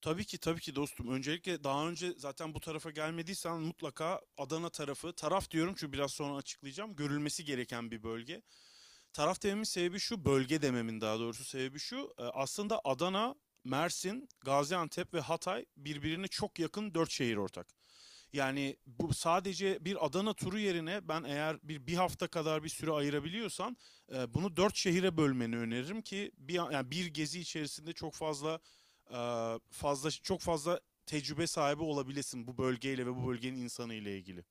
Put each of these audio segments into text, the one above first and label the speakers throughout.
Speaker 1: Tabii ki tabii ki dostum. Öncelikle daha önce zaten bu tarafa gelmediysen mutlaka Adana tarafı, taraf diyorum çünkü biraz sonra açıklayacağım. Görülmesi gereken bir bölge. Taraf dememin sebebi şu, bölge dememin daha doğrusu sebebi şu. Aslında Adana, Mersin, Gaziantep ve Hatay birbirine çok yakın 4 şehir ortak. Yani bu sadece bir Adana turu yerine ben eğer bir hafta kadar bir süre ayırabiliyorsan bunu 4 şehire bölmeni öneririm ki bir yani bir gezi içerisinde çok fazla e, çok fazla tecrübe sahibi olabilesin bu bölgeyle ve bu bölgenin insanı ile ilgili.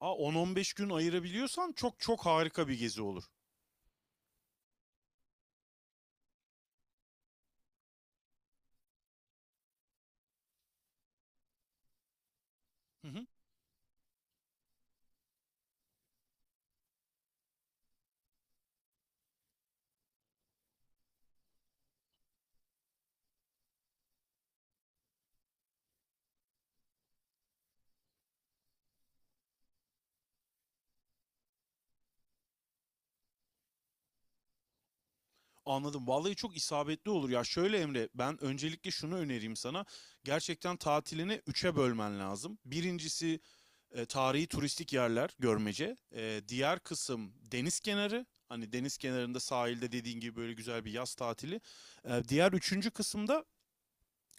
Speaker 1: Aa 10-15 gün ayırabiliyorsan çok çok harika bir gezi olur. Hı hı. Anladım. Vallahi çok isabetli olur ya. Şöyle Emre, ben öncelikle şunu önereyim sana. Gerçekten tatilini üçe bölmen lazım. Birincisi tarihi turistik yerler, görmece. E, diğer kısım deniz kenarı. Hani deniz kenarında sahilde dediğin gibi böyle güzel bir yaz tatili. E, diğer üçüncü kısımda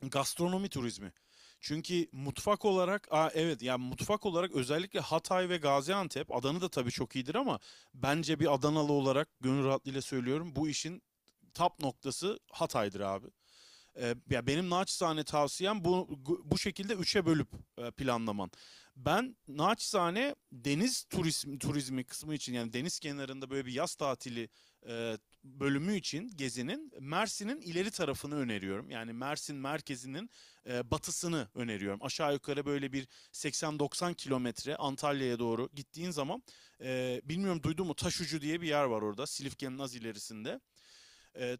Speaker 1: gastronomi turizmi. Çünkü mutfak olarak, aa evet yani mutfak olarak özellikle Hatay ve Gaziantep, Adana da tabii çok iyidir ama bence bir Adanalı olarak gönül rahatlığıyla söylüyorum bu işin tap noktası Hatay'dır abi. Ya benim naçizane tavsiyem bu şekilde üçe bölüp planlaman. Ben naçizane deniz turizmi kısmı için yani deniz kenarında böyle bir yaz tatili e, bölümü için gezinin Mersin'in ileri tarafını öneriyorum. Yani Mersin merkezinin batısını öneriyorum. Aşağı yukarı böyle bir 80-90 kilometre Antalya'ya doğru gittiğin zaman bilmiyorum duydun mu Taşucu diye bir yer var orada Silifke'nin az ilerisinde. E,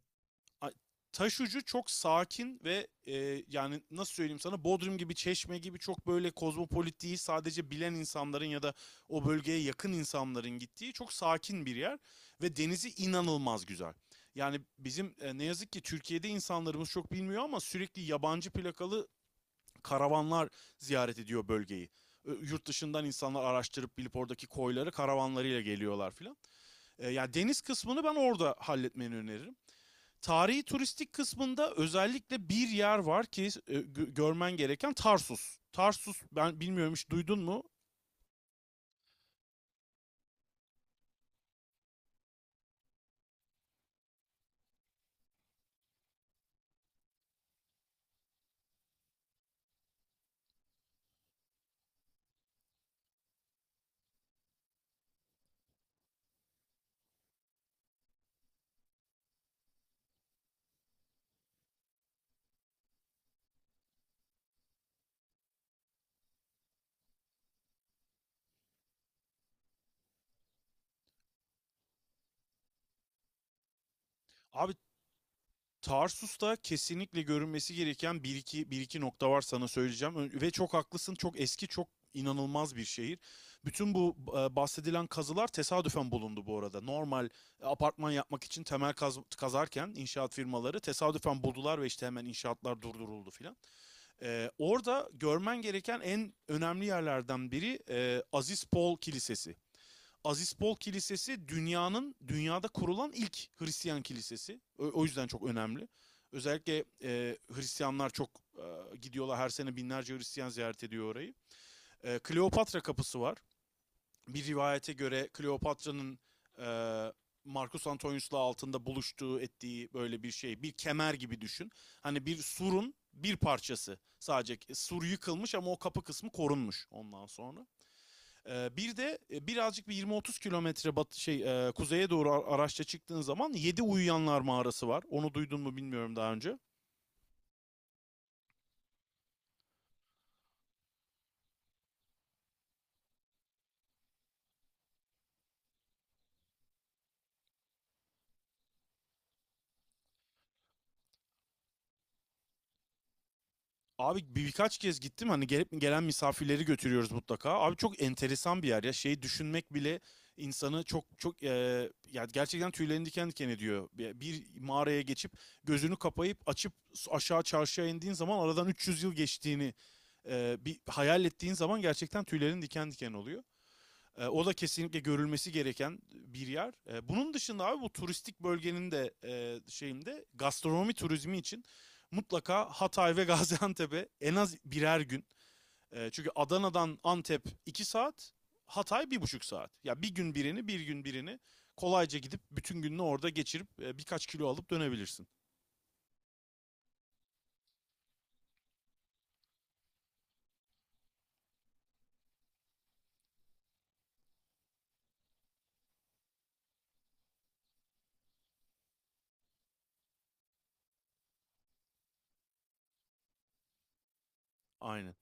Speaker 1: Taş ucu çok sakin ve yani nasıl söyleyeyim sana, Bodrum gibi Çeşme gibi çok böyle kozmopolit değil, sadece bilen insanların ya da o bölgeye yakın insanların gittiği çok sakin bir yer ve denizi inanılmaz güzel. Yani bizim ne yazık ki Türkiye'de insanlarımız çok bilmiyor ama sürekli yabancı plakalı karavanlar ziyaret ediyor bölgeyi. E, yurt dışından insanlar araştırıp bilip oradaki koyları karavanlarıyla geliyorlar filan. E, yani deniz kısmını ben orada halletmeni öneririm. Tarihi turistik kısmında özellikle bir yer var ki görmen gereken Tarsus. Tarsus ben bilmiyorum, hiç duydun mu? Abi Tarsus'ta kesinlikle görünmesi gereken bir iki nokta var sana söyleyeceğim. Ve çok haklısın, çok eski, çok inanılmaz bir şehir. Bütün bu bahsedilen kazılar tesadüfen bulundu bu arada. Normal apartman yapmak için temel kazarken inşaat firmaları tesadüfen buldular ve işte hemen inşaatlar durduruldu filan. Orada görmen gereken en önemli yerlerden biri Aziz Paul Kilisesi. Aziz Paul Kilisesi dünyada kurulan ilk Hristiyan kilisesi. O yüzden çok önemli. Özellikle Hristiyanlar çok gidiyorlar, her sene binlerce Hristiyan ziyaret ediyor orayı. E, Kleopatra kapısı var, bir rivayete göre Kleopatra'nın e, Marcus Antonius'la altında buluştuğu ettiği böyle bir şey. Bir kemer gibi düşün. Hani bir surun bir parçası sadece. Sur yıkılmış ama o kapı kısmı korunmuş ondan sonra. E, bir de birazcık bir 20-30 kilometre kuzeye doğru araçla çıktığın zaman 7 uyuyanlar mağarası var. Onu duydun mu bilmiyorum daha önce. Abi birkaç kez gittim, hani gelip gelen misafirleri götürüyoruz mutlaka. Abi çok enteresan bir yer ya, şeyi düşünmek bile insanı çok çok ya gerçekten tüylerini diken diken ediyor. Bir mağaraya geçip gözünü kapayıp açıp aşağı çarşıya indiğin zaman aradan 300 yıl geçtiğini bir hayal ettiğin zaman gerçekten tüylerin diken diken oluyor. E, o da kesinlikle görülmesi gereken bir yer. E, bunun dışında abi bu turistik bölgenin de şeyinde gastronomi turizmi için mutlaka Hatay ve Gaziantep'e en az birer gün. E, çünkü Adana'dan Antep 2 saat, Hatay 1,5 saat. Ya bir gün birini, bir gün birini kolayca gidip bütün gününü orada geçirip birkaç kilo alıp dönebilirsin. Aynen.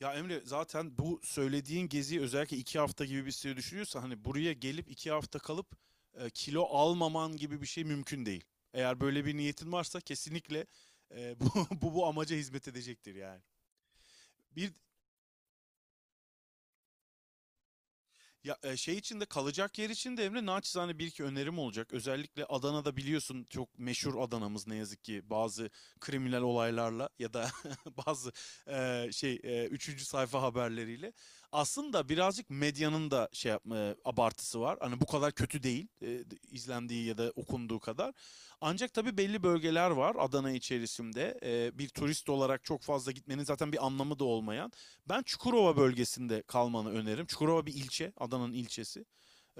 Speaker 1: Ya Emre, zaten bu söylediğin geziyi özellikle 2 hafta gibi bir süre düşünüyorsa hani buraya gelip 2 hafta kalıp kilo almaman gibi bir şey mümkün değil. Eğer böyle bir niyetin varsa kesinlikle e, bu, bu amaca hizmet edecektir yani. Bir Ya şey için de kalacak yer için de Emre naçizane bir iki önerim olacak. Özellikle Adana'da biliyorsun çok meşhur Adana'mız ne yazık ki bazı kriminal olaylarla ya da bazı üçüncü sayfa haberleriyle. Aslında birazcık medyanın da şey yapma abartısı var. Hani bu kadar kötü değil izlendiği ya da okunduğu kadar. Ancak tabii belli bölgeler var Adana içerisinde. E, bir turist olarak çok fazla gitmenin zaten bir anlamı da olmayan. Ben Çukurova bölgesinde kalmanı öneririm. Çukurova bir ilçe, Adana'nın ilçesi,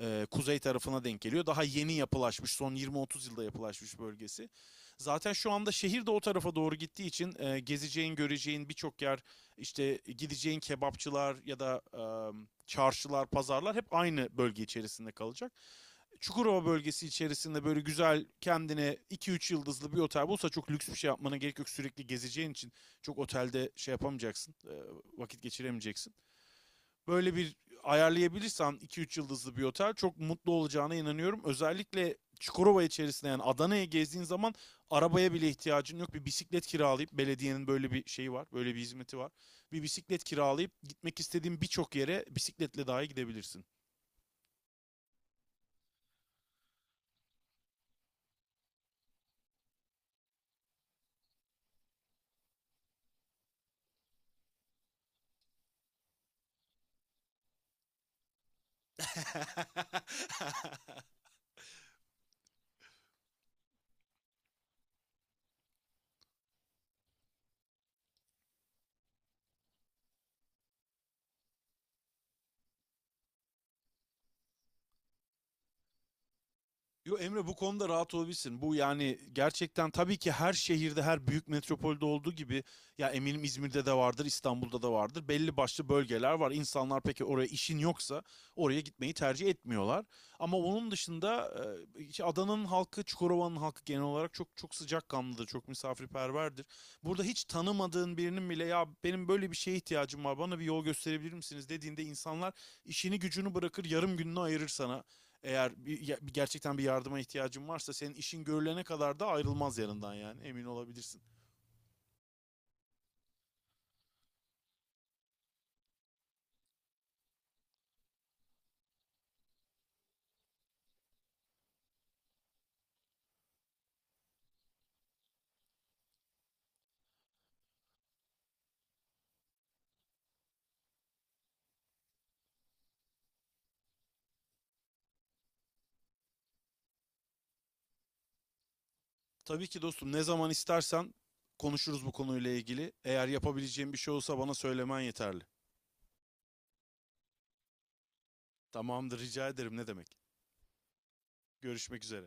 Speaker 1: kuzey tarafına denk geliyor. Daha yeni yapılaşmış, son 20-30 yılda yapılaşmış bölgesi. Zaten şu anda şehir de o tarafa doğru gittiği için gezeceğin, göreceğin birçok yer, işte gideceğin kebapçılar ya da çarşılar, pazarlar hep aynı bölge içerisinde kalacak. Çukurova bölgesi içerisinde böyle güzel kendine 2-3 yıldızlı bir otel bulsa çok lüks bir şey yapmana gerek yok. Sürekli gezeceğin için çok otelde şey yapamayacaksın, vakit geçiremeyeceksin, böyle bir ayarlayabilirsem 2-3 yıldızlı bir otel çok mutlu olacağına inanıyorum. Özellikle Çukurova içerisinde yani Adana'ya gezdiğin zaman arabaya bile ihtiyacın yok. Bir bisiklet kiralayıp, belediyenin böyle bir şeyi var, böyle bir hizmeti var. Bir bisiklet kiralayıp gitmek istediğin birçok yere bisikletle dahi gidebilirsin. Hahaha. Yo Emre, bu konuda rahat olabilirsin. Bu yani gerçekten tabii ki her şehirde, her büyük metropolde olduğu gibi, ya eminim İzmir'de de vardır, İstanbul'da da vardır. Belli başlı bölgeler var. İnsanlar peki oraya işin yoksa oraya gitmeyi tercih etmiyorlar. Ama onun dışında işte Adana'nın halkı, Çukurova'nın halkı genel olarak çok çok sıcakkanlıdır, çok misafirperverdir. Burada hiç tanımadığın birinin bile, ya benim böyle bir şeye ihtiyacım var, bana bir yol gösterebilir misiniz dediğinde insanlar işini gücünü bırakır, yarım gününü ayırır sana. Eğer gerçekten bir yardıma ihtiyacın varsa senin işin görülene kadar da ayrılmaz yanından, yani emin olabilirsin. Tabii ki dostum, ne zaman istersen konuşuruz bu konuyla ilgili. Eğer yapabileceğim bir şey olsa bana söylemen yeterli. Tamamdır, rica ederim, ne demek. Görüşmek üzere.